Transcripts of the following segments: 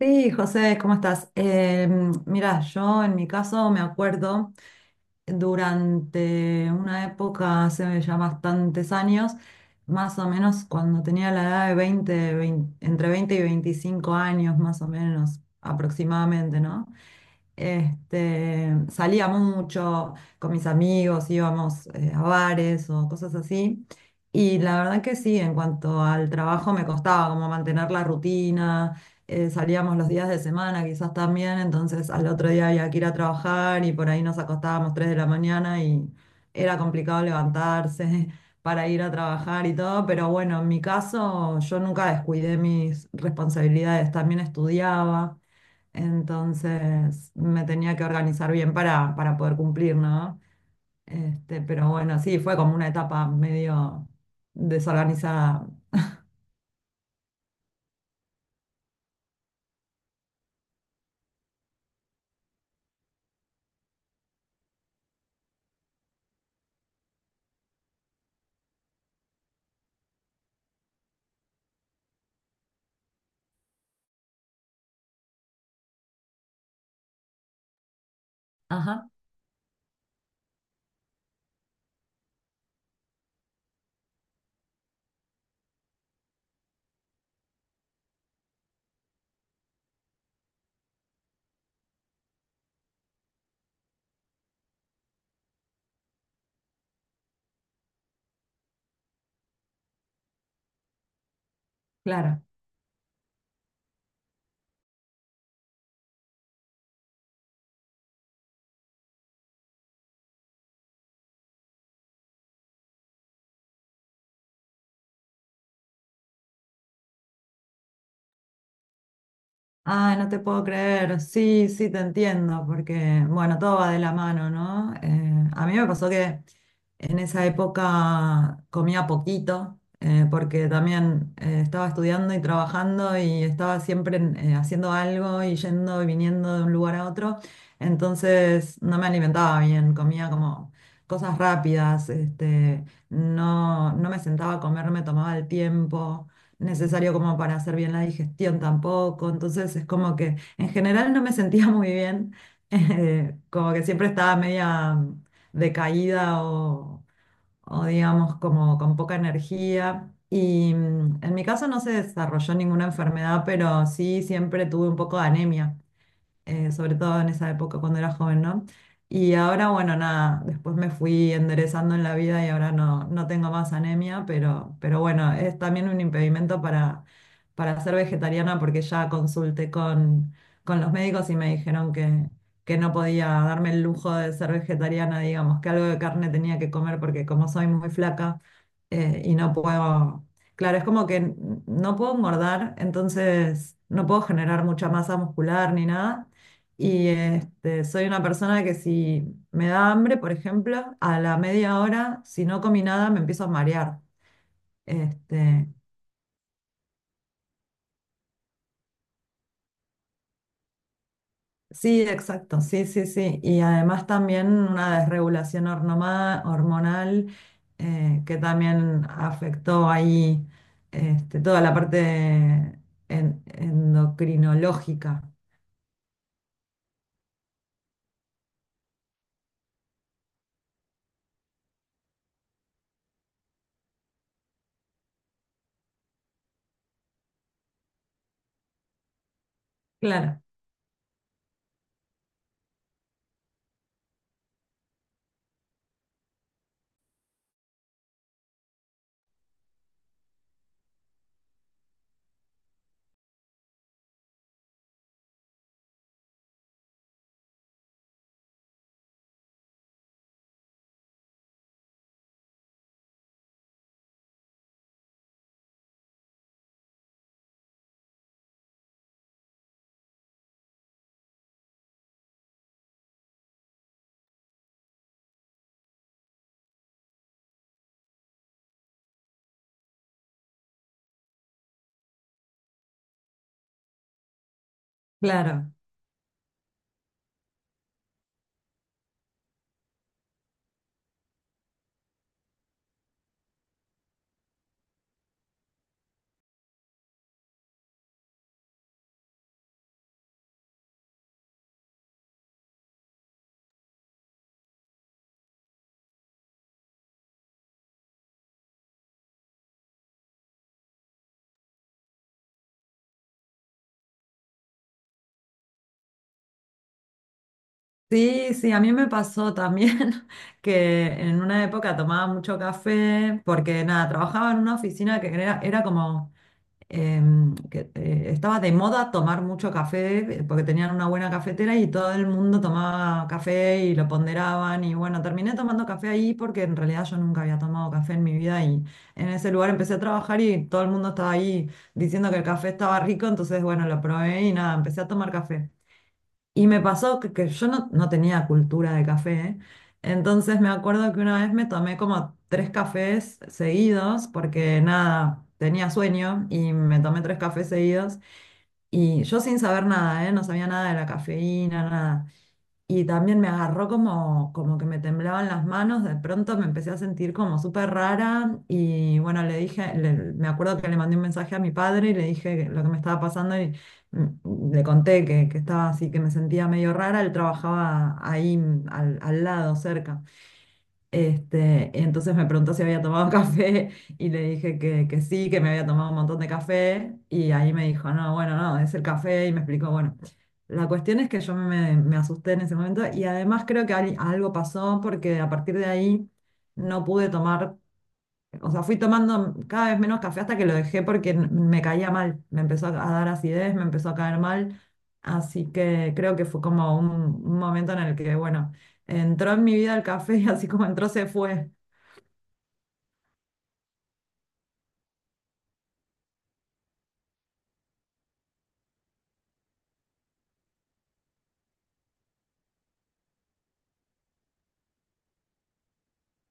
Sí, José, ¿cómo estás? Mira, yo en mi caso me acuerdo durante una época, hace ya bastantes años, más o menos cuando tenía la edad de 20 entre 20 y 25 años, más o menos aproximadamente, ¿no? Salía mucho con mis amigos, íbamos a bares o cosas así. Y la verdad que sí, en cuanto al trabajo me costaba como mantener la rutina, salíamos los días de semana quizás también, entonces al otro día había que ir a trabajar y por ahí nos acostábamos 3 de la mañana y era complicado levantarse para ir a trabajar y todo, pero bueno, en mi caso yo nunca descuidé mis responsabilidades, también estudiaba. Entonces me tenía que organizar bien para poder cumplir, ¿no? Pero bueno, sí, fue como una etapa medio desorganizada. Ajá, claro. Ah, no te puedo creer. Sí, sí, te entiendo, porque bueno, todo va de la mano, ¿no? A mí me pasó que en esa época comía poquito, porque también estaba estudiando y trabajando y estaba siempre haciendo algo y yendo y viniendo de un lugar a otro. Entonces no me alimentaba bien, comía como cosas rápidas, no me sentaba a comer, no me tomaba el tiempo necesario como para hacer bien la digestión tampoco. Entonces es como que en general no me sentía muy bien, como que siempre estaba media decaída o digamos como con poca energía. Y en mi caso no se desarrolló ninguna enfermedad, pero sí siempre tuve un poco de anemia sobre todo en esa época cuando era joven, ¿no? Y ahora, bueno, nada, después me fui enderezando en la vida y ahora no, no tengo más anemia, pero bueno, es también un impedimento para ser vegetariana porque ya consulté con los médicos y me dijeron que no podía darme el lujo de ser vegetariana, digamos, que algo de carne tenía que comer porque como soy muy flaca y no puedo... Claro, es como que no puedo engordar, entonces no puedo generar mucha masa muscular ni nada, y soy una persona que si me da hambre, por ejemplo, a la media hora, si no comí nada, me empiezo a marear. Este, sí, exacto, sí, sí, sí. Y además también una desregulación hormonal que también afectó ahí toda la parte endocrinológica. Claro, claro. Sí, sí, a mí me pasó también que en una época tomaba mucho café porque nada, trabajaba en una oficina era como em, que estaba de moda tomar mucho café porque tenían una buena cafetera y todo el mundo tomaba café y lo ponderaban y bueno, terminé tomando café ahí porque en realidad yo nunca había tomado café en mi vida y en ese lugar empecé a trabajar y todo el mundo estaba ahí diciendo que el café estaba rico, entonces bueno, lo probé y nada, empecé a tomar café. Y me pasó que yo no tenía cultura de café, ¿eh? Entonces me acuerdo que una vez me tomé como tres cafés seguidos porque nada, tenía sueño y me tomé tres cafés seguidos y yo sin saber nada, ¿eh? No sabía nada de la cafeína, nada. Y también me agarró como que me temblaban las manos, de pronto me empecé a sentir como súper rara y bueno, me acuerdo que le mandé un mensaje a mi padre y le dije lo que me estaba pasando y le conté que estaba así, que me sentía medio rara, él trabajaba ahí al lado, cerca. Entonces me preguntó si había tomado café y le dije que sí, que me había tomado un montón de café y ahí me dijo, no, bueno, no, es el café y me explicó, bueno, la cuestión es que me asusté en ese momento y además creo algo pasó porque a partir de ahí no pude tomar, o sea, fui tomando cada vez menos café hasta que lo dejé porque me caía mal. Me empezó a dar acidez, me empezó a caer mal. Así que creo que fue como un momento en el que, bueno, entró en mi vida el café y así como entró, se fue.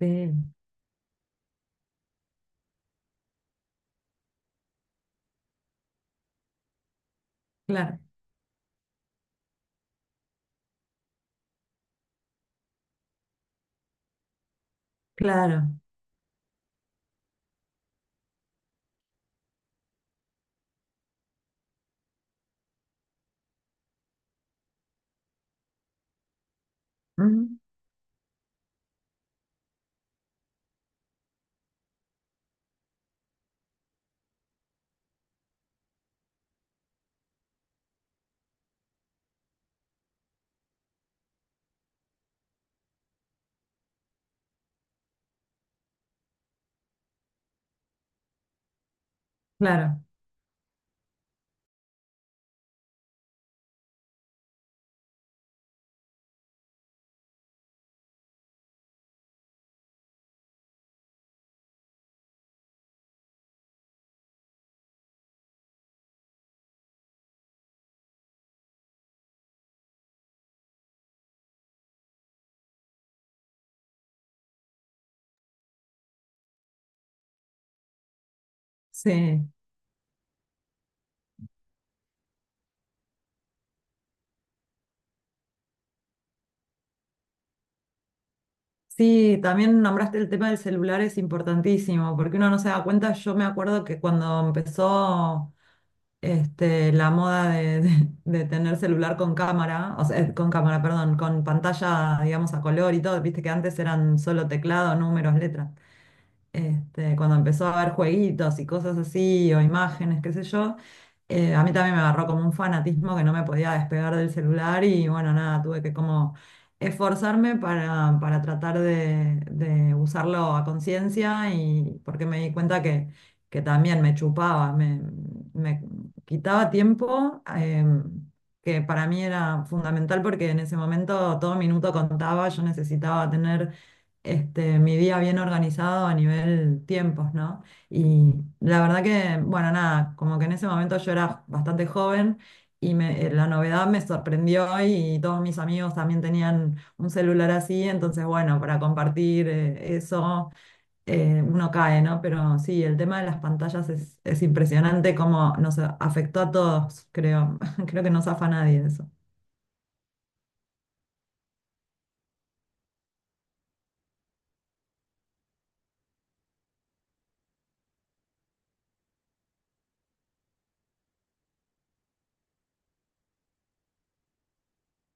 Sí, claro, claro. Ujú, claro, sí. Sí, también nombraste el tema del celular, es importantísimo, porque uno no se da cuenta. Yo me acuerdo que cuando empezó la moda de tener celular con cámara, o sea, con cámara, perdón, con pantalla, digamos, a color y todo. Viste que antes eran solo teclado, números, letras, cuando empezó a haber jueguitos y cosas así, o imágenes, qué sé yo, a mí también me agarró como un fanatismo que no me podía despegar del celular y bueno, nada, tuve que como esforzarme para tratar de usarlo a conciencia y porque me di cuenta que también me chupaba, me quitaba tiempo. Que para mí era fundamental porque en ese momento todo minuto contaba, yo necesitaba tener mi día bien organizado a nivel tiempos, ¿no? Y la verdad que, bueno, nada, como que en ese momento yo era bastante joven y la novedad me sorprendió y todos mis amigos también tenían un celular así, entonces, bueno, para compartir eso, uno cae, ¿no? Pero sí, el tema de las pantallas es impresionante cómo nos afectó a todos, creo. Creo que no zafa a nadie de eso.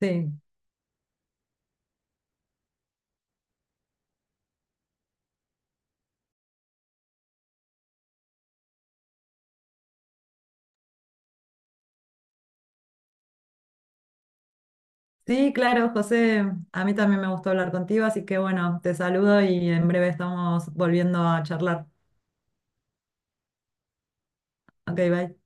Sí. Sí, claro, José, a mí también me gustó hablar contigo, así que bueno, te saludo y en breve estamos volviendo a charlar. Ok, bye.